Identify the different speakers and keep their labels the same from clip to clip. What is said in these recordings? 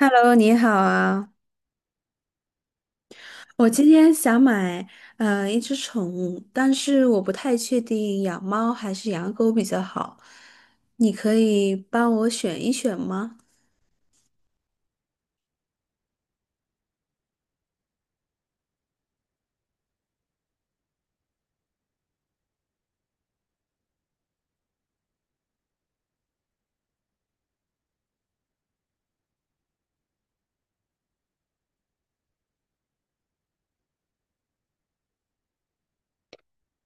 Speaker 1: Hello，你好啊！我今天想买一只宠物，但是我不太确定养猫还是养狗比较好。你可以帮我选一选吗？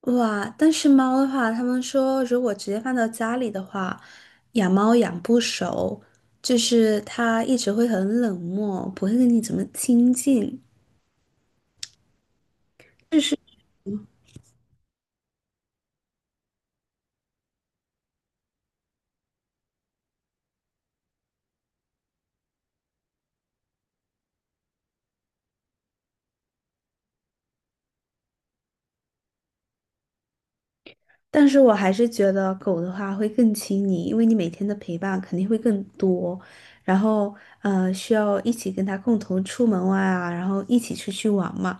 Speaker 1: 哇，但是猫的话，他们说如果直接放到家里的话，养猫养不熟，就是它一直会很冷漠，不会跟你怎么亲近。就是。但是我还是觉得狗的话会更亲你，因为你每天的陪伴肯定会更多，然后需要一起跟它共同出门玩啊，然后一起出去玩嘛。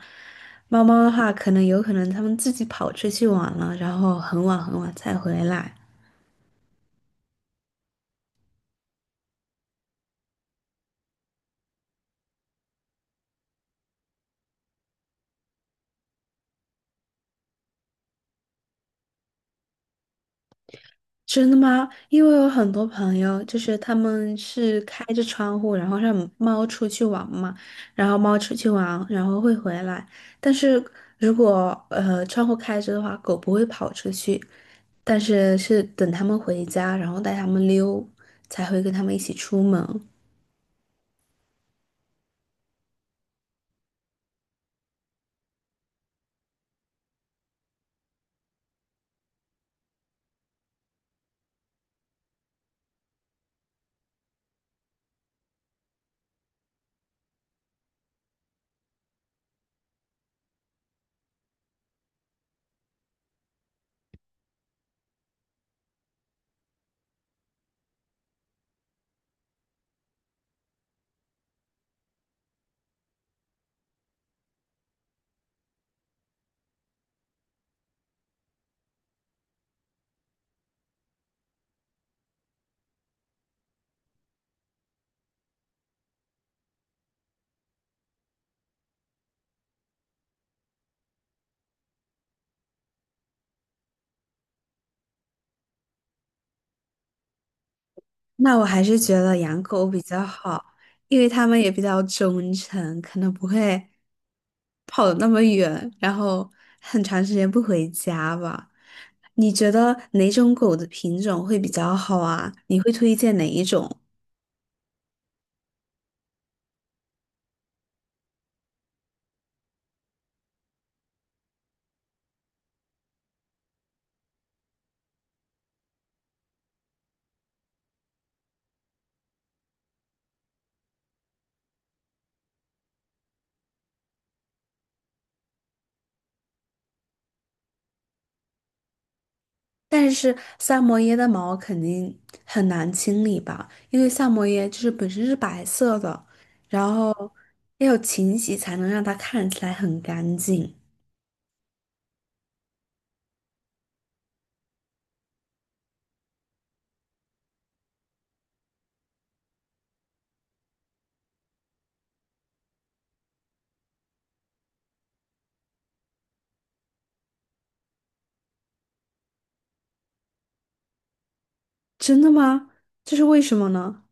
Speaker 1: 猫猫的话，可能有可能它们自己跑出去玩了，然后很晚很晚才回来。真的吗？因为我有很多朋友，就是他们是开着窗户，然后让猫出去玩嘛，然后猫出去玩，然后会回来。但是如果窗户开着的话，狗不会跑出去，但是是等他们回家，然后带他们溜，才会跟他们一起出门。那我还是觉得养狗比较好，因为它们也比较忠诚，可能不会跑的那么远，然后很长时间不回家吧。你觉得哪种狗的品种会比较好啊？你会推荐哪一种？但是萨摩耶的毛肯定很难清理吧，因为萨摩耶就是本身是白色的，然后要有勤洗才能让它看起来很干净。真的吗？这是为什么呢？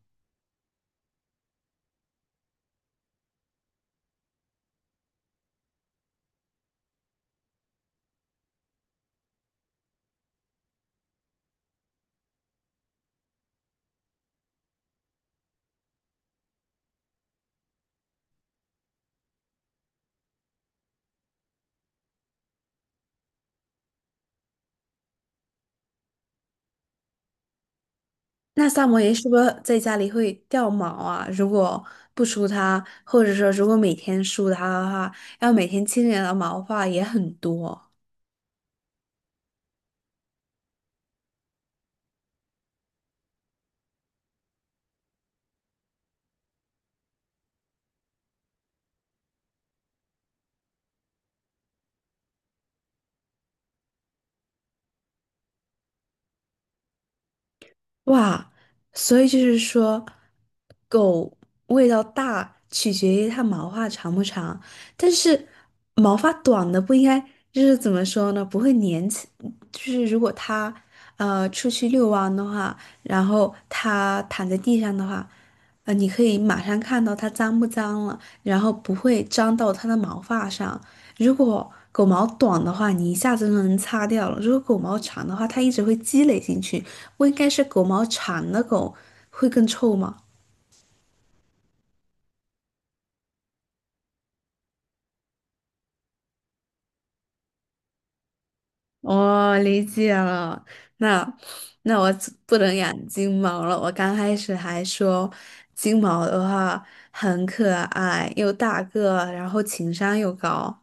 Speaker 1: 那萨摩耶是不是在家里会掉毛啊？如果不梳它，或者说如果每天梳它的话，要每天清理的毛发也很多哇。所以就是说，狗味道大取决于它毛发长不长，但是毛发短的不应该就是怎么说呢？不会粘起，就是如果它出去遛弯的话，然后它躺在地上的话，你可以马上看到它脏不脏了。然后不会粘到它的毛发上。如果狗毛短的话，你一下子就能擦掉了；如果狗毛长的话，它一直会积累进去。不应该是狗毛长的狗会更臭吗？哦，理解了。那那我只不能养金毛了。我刚开始还说金毛的话很可爱，又大个，然后情商又高。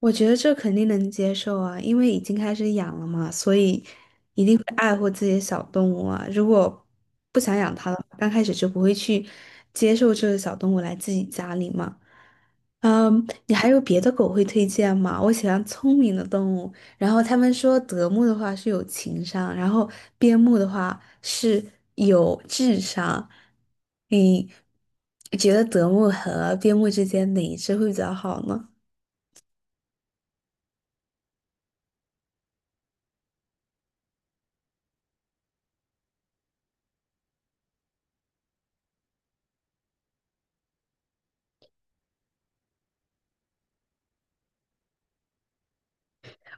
Speaker 1: 我觉得这肯定能接受啊，因为已经开始养了嘛，所以一定会爱护自己的小动物啊。如果不想养它的话，刚开始就不会去接受这个小动物来自己家里嘛。嗯，你还有别的狗会推荐吗？我喜欢聪明的动物，然后他们说德牧的话是有情商，然后边牧的话是有智商。你觉得德牧和边牧之间哪一只会比较好呢？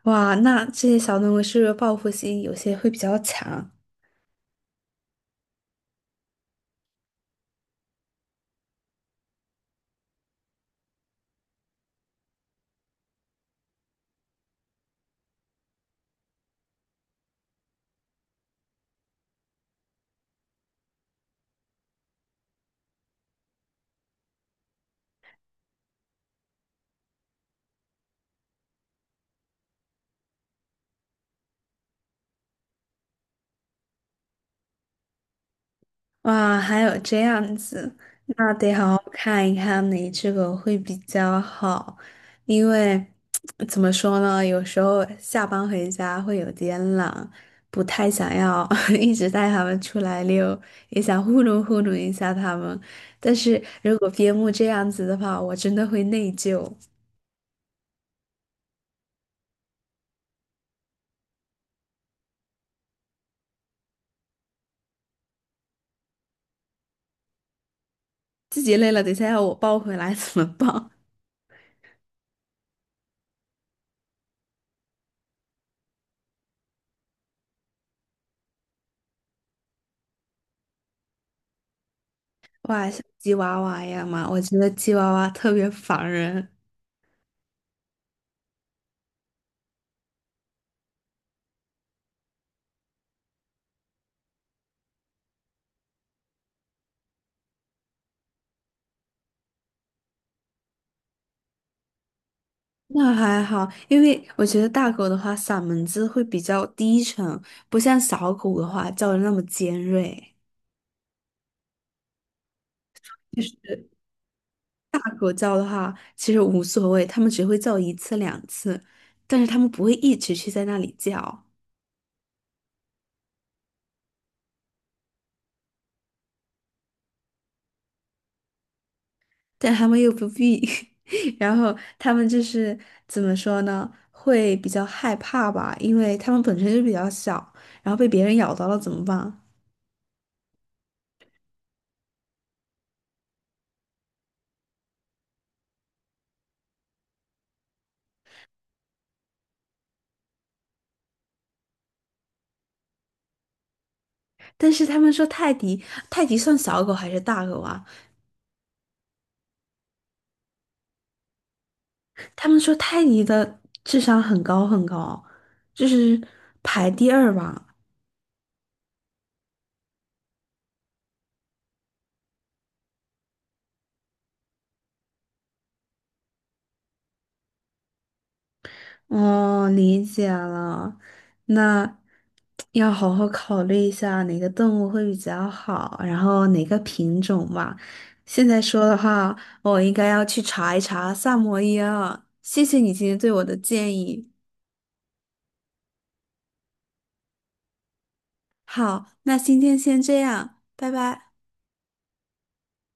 Speaker 1: 哇，那这些小动物是不是报复心有些会比较强？哇，还有这样子，那得好好看一看哪只狗会比较好，因为 怎么说呢，有时候下班回家会有点懒，不太想要 一直带它们出来溜，也想糊弄糊弄一下它们。但是如果边牧这样子的话，我真的会内疚，自己累了，等一下要我抱回来怎么办？哇，像吉娃娃一样嘛，我觉得吉娃娃特别烦人。那还好，因为我觉得大狗的话，嗓门子会比较低沉，不像小狗的话叫的那么尖锐。就是大狗叫的话，其实无所谓，它们只会叫一次两次，但是它们不会一直去在那里叫，但它们又不必，然后它们就是怎么说呢，会比较害怕吧，因为它们本身就比较小，然后被别人咬到了怎么办？但是他们说泰迪，泰迪算小狗还是大狗啊？他们说泰迪的智商很高很高，就是排第二吧。哦，理解了，那要好好考虑一下哪个动物会比较好，然后哪个品种吧。现在说的话，我应该要去查一查萨摩耶了。谢谢你今天对我的建议。好，那今天先这样，拜拜。